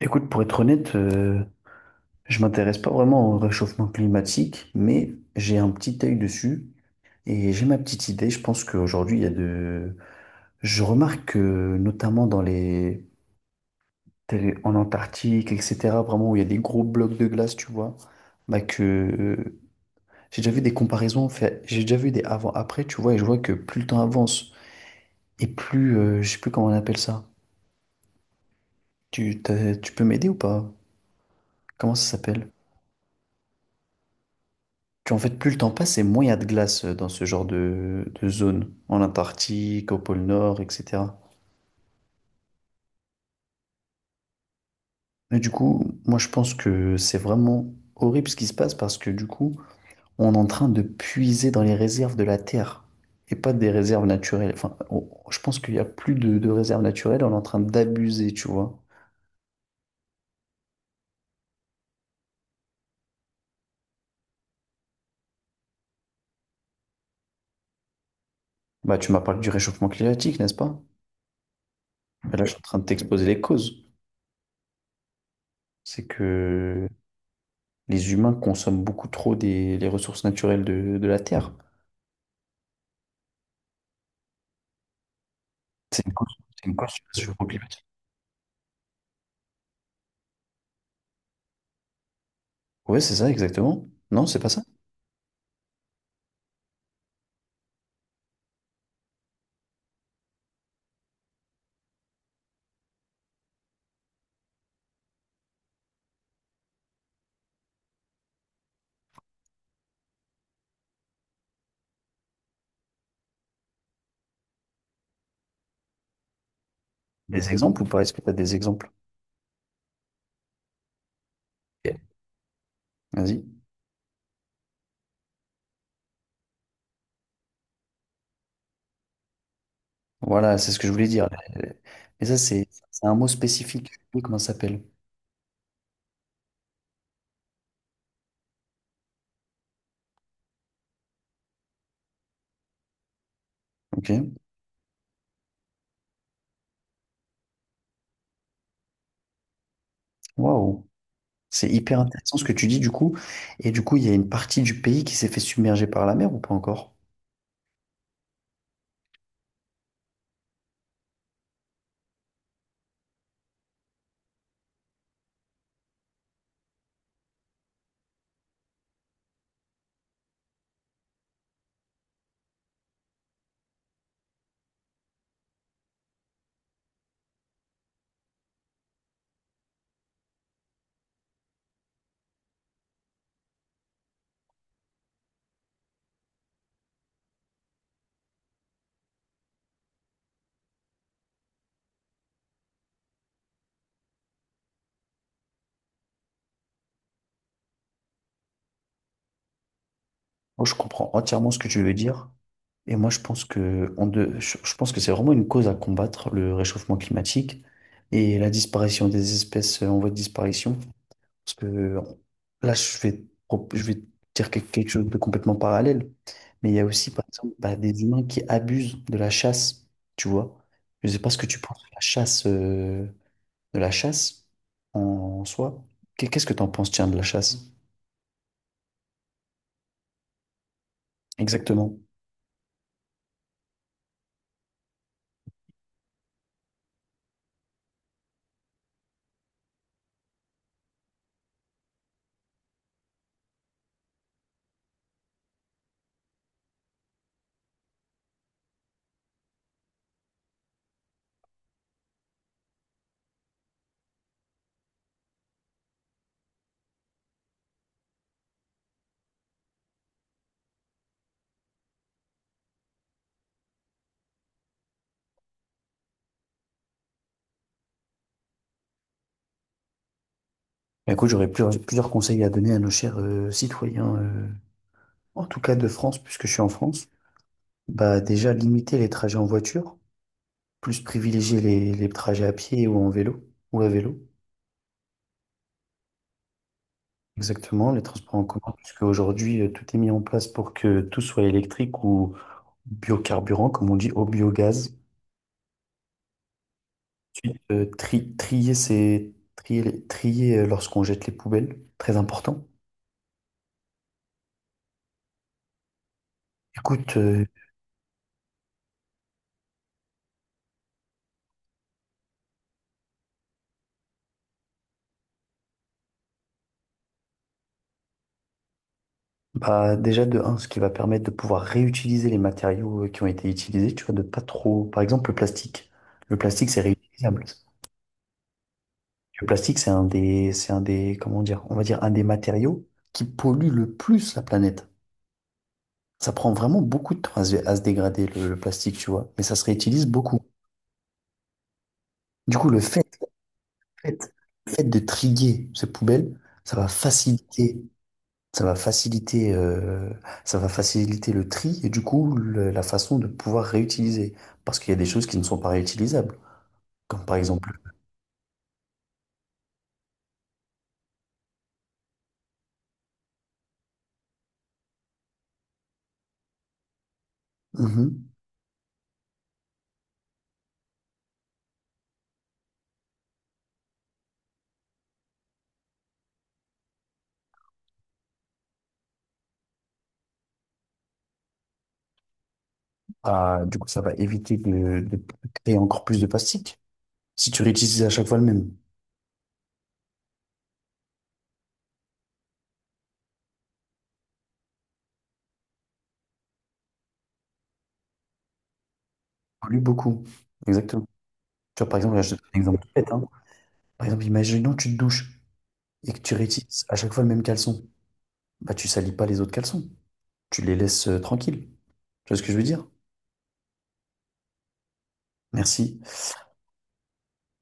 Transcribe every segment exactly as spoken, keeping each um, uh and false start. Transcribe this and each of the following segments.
Écoute, pour être honnête, euh, je m'intéresse pas vraiment au réchauffement climatique, mais j'ai un petit œil dessus et j'ai ma petite idée. Je pense qu'aujourd'hui, il y a de... Je remarque que notamment dans les... télé- en Antarctique, et cetera, vraiment où il y a des gros blocs de glace, tu vois, bah que euh, j'ai déjà vu des comparaisons, fait... j'ai déjà vu des avant-après, tu vois, et je vois que plus le temps avance et plus, euh, je sais plus comment on appelle ça. Tu, t'as- tu peux m'aider ou pas? Comment ça s'appelle? Puis en fait, plus le temps passe et moins il y a de glace euh, dans ce genre de, de zone, en Antarctique, au pôle Nord, et cetera. Mais du coup, moi je pense que c'est vraiment horrible ce qui se passe parce que du coup, on est en train de puiser dans les réserves de la Terre et pas des réserves naturelles. Enfin, on- je pense qu'il n'y a plus de, de réserves naturelles, on est en train d'abuser, tu vois. Bah, tu m'as parlé du réchauffement climatique, n'est-ce pas? Mais là, je suis en train de t'exposer les causes. C'est que les humains consomment beaucoup trop des, les ressources naturelles de de la Terre. C'est une, cons- c'est une consultation sur le changement climatique. Oui, c'est ça, exactement. Non, c'est pas ça. Des exemples ou pas? Est-ce que tu as des exemples? Vas-y. Voilà, c'est ce que je voulais dire. Mais ça, c'est c'est un mot spécifique. Je sais plus comment ça s'appelle. Ok. Waouh. C'est hyper intéressant ce que tu dis, du coup. Et du coup, il y a une partie du pays qui s'est fait submerger par la mer ou pas encore? Oh, je comprends entièrement ce que tu veux dire. Et moi, je pense que, on de- je je pense que c'est vraiment une cause à combattre, le réchauffement climatique et la disparition des espèces en voie de disparition. Parce que là, je vais, pro- je vais dire que- quelque chose de complètement parallèle. Mais il y a aussi, par exemple, bah, des humains qui abusent de la chasse, tu vois. Je ne sais pas ce que tu penses de la chasse, euh, de la chasse en soi. Qu'est- Qu'est-ce que tu en penses, tiens, de la chasse? Exactement. Bah, écoute, j'aurais plus- plusieurs conseils à donner à nos chers euh, citoyens, euh, en tout cas de France, puisque je suis en France. Bah, déjà, limiter les trajets en voiture, plus privilégier les, les trajets à pied ou en vélo, ou à vélo. Exactement, les transports en commun, puisque aujourd'hui, euh, tout est mis en place pour que tout soit électrique ou biocarburant, comme on dit, au biogaz. Ensuite, euh, tri- trier, c'est trier, les- trier euh, lorsqu'on jette les poubelles, très important. Écoute, euh, bah, déjà de un, ce qui va permettre de pouvoir réutiliser les matériaux euh, qui ont été utilisés, tu vois, de pas trop, par exemple, le plastique. Le plastique, c'est réutilisable. Le plastique, c'est un des, c'est un des, comment dire, on va dire, un des matériaux qui pollue le plus la planète. Ça prend vraiment beaucoup de temps à se, à se dégrader le, le plastique, tu vois. Mais ça se réutilise beaucoup. Du coup, le fait, fait, fait de trier ces poubelles, ça va faciliter, ça va faciliter, euh, ça va faciliter le tri et du coup le- la façon de pouvoir réutiliser. Parce qu'il y a des choses qui ne sont pas réutilisables, comme par exemple. Mhm. Ah, du coup, ça va éviter de, de créer encore plus de plastique. Si tu réutilises à chaque fois le même, tu pollues beaucoup. Exactement. Tu vois, par exemple, là, je te donne un exemple tout bête, hein. Par exemple, imaginons que tu te douches et que tu réutilises à chaque fois le même caleçon, bah tu salis pas les autres caleçons. Tu les laisses euh, tranquilles. Tu vois ce que je veux dire? Merci.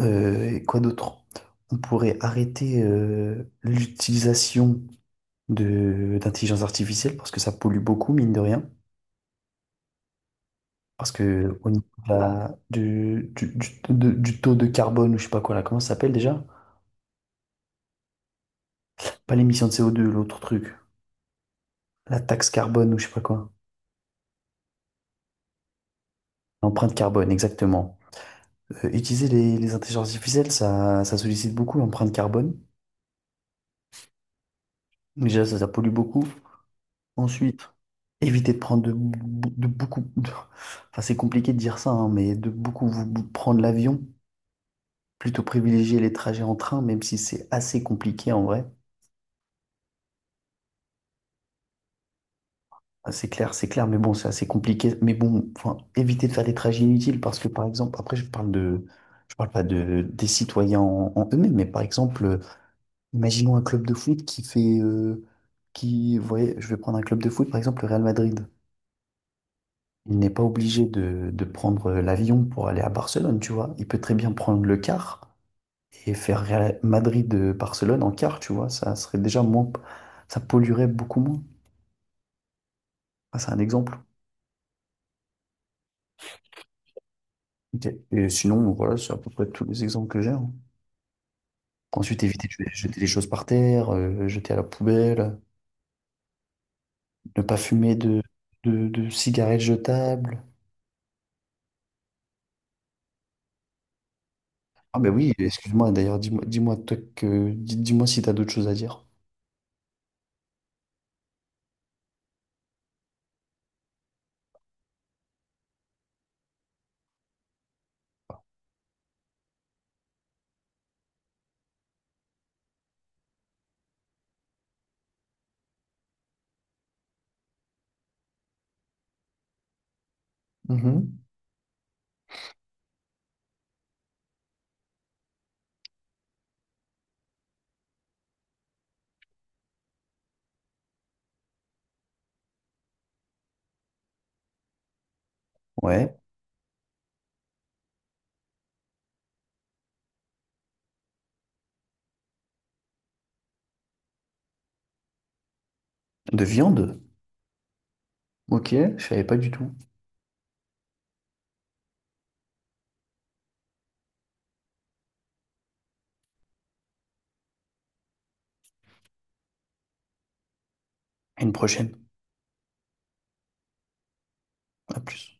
Euh, et quoi d'autre? On pourrait arrêter euh, l'utilisation de d'intelligence artificielle parce que ça pollue beaucoup, mine de rien. Parce que au niveau de la- du, du, du- de- du taux de carbone ou je sais pas quoi là, comment ça s'appelle déjà? Pas l'émission de C O deux, l'autre truc. La taxe carbone ou je sais pas quoi. L'empreinte carbone, exactement. Euh, utiliser les, les intelligences artificielles, ça, ça sollicite beaucoup l'empreinte carbone. Déjà, ça, ça pollue beaucoup. Ensuite, éviter de prendre de, bou- de beaucoup... de- enfin, c'est compliqué de dire ça, hein, mais de beaucoup vou- vou- prendre l'avion. Plutôt privilégier les trajets en train, même si c'est assez compliqué en vrai. Ah, c'est clair, c'est clair, mais bon, c'est assez compliqué. Mais bon, enfin, éviter de faire des trajets inutiles parce que, par exemple, après, je parle de... Je parle pas de, des citoyens en, en eux-mêmes, mais par exemple, imaginons un club de foot qui fait, euh, qui, vous voyez, je vais prendre un club de foot, par exemple le Real Madrid. Il n'est pas obligé de, de prendre euh, l'avion pour aller à Barcelone, tu vois. Il peut très bien prendre le car et faire Real- Madrid-Barcelone en car, tu vois. Ça serait déjà moins, ça polluerait beaucoup moins. Ah, c'est un exemple. Ok. Et sinon, voilà, c'est à peu près tous les exemples que j'ai, hein. Ensuite, éviter de jeter les choses par terre, euh, jeter à la poubelle, ne pas fumer de, de, de cigarettes jetables. Ah ben oui, excuse-moi, d'ailleurs, dis-moi, dis-moi toi que, dis- dis-moi si t'as d'autres choses à dire. Mhm. Ouais, de viande. Ok, je savais pas du tout. À une prochaine. À plus.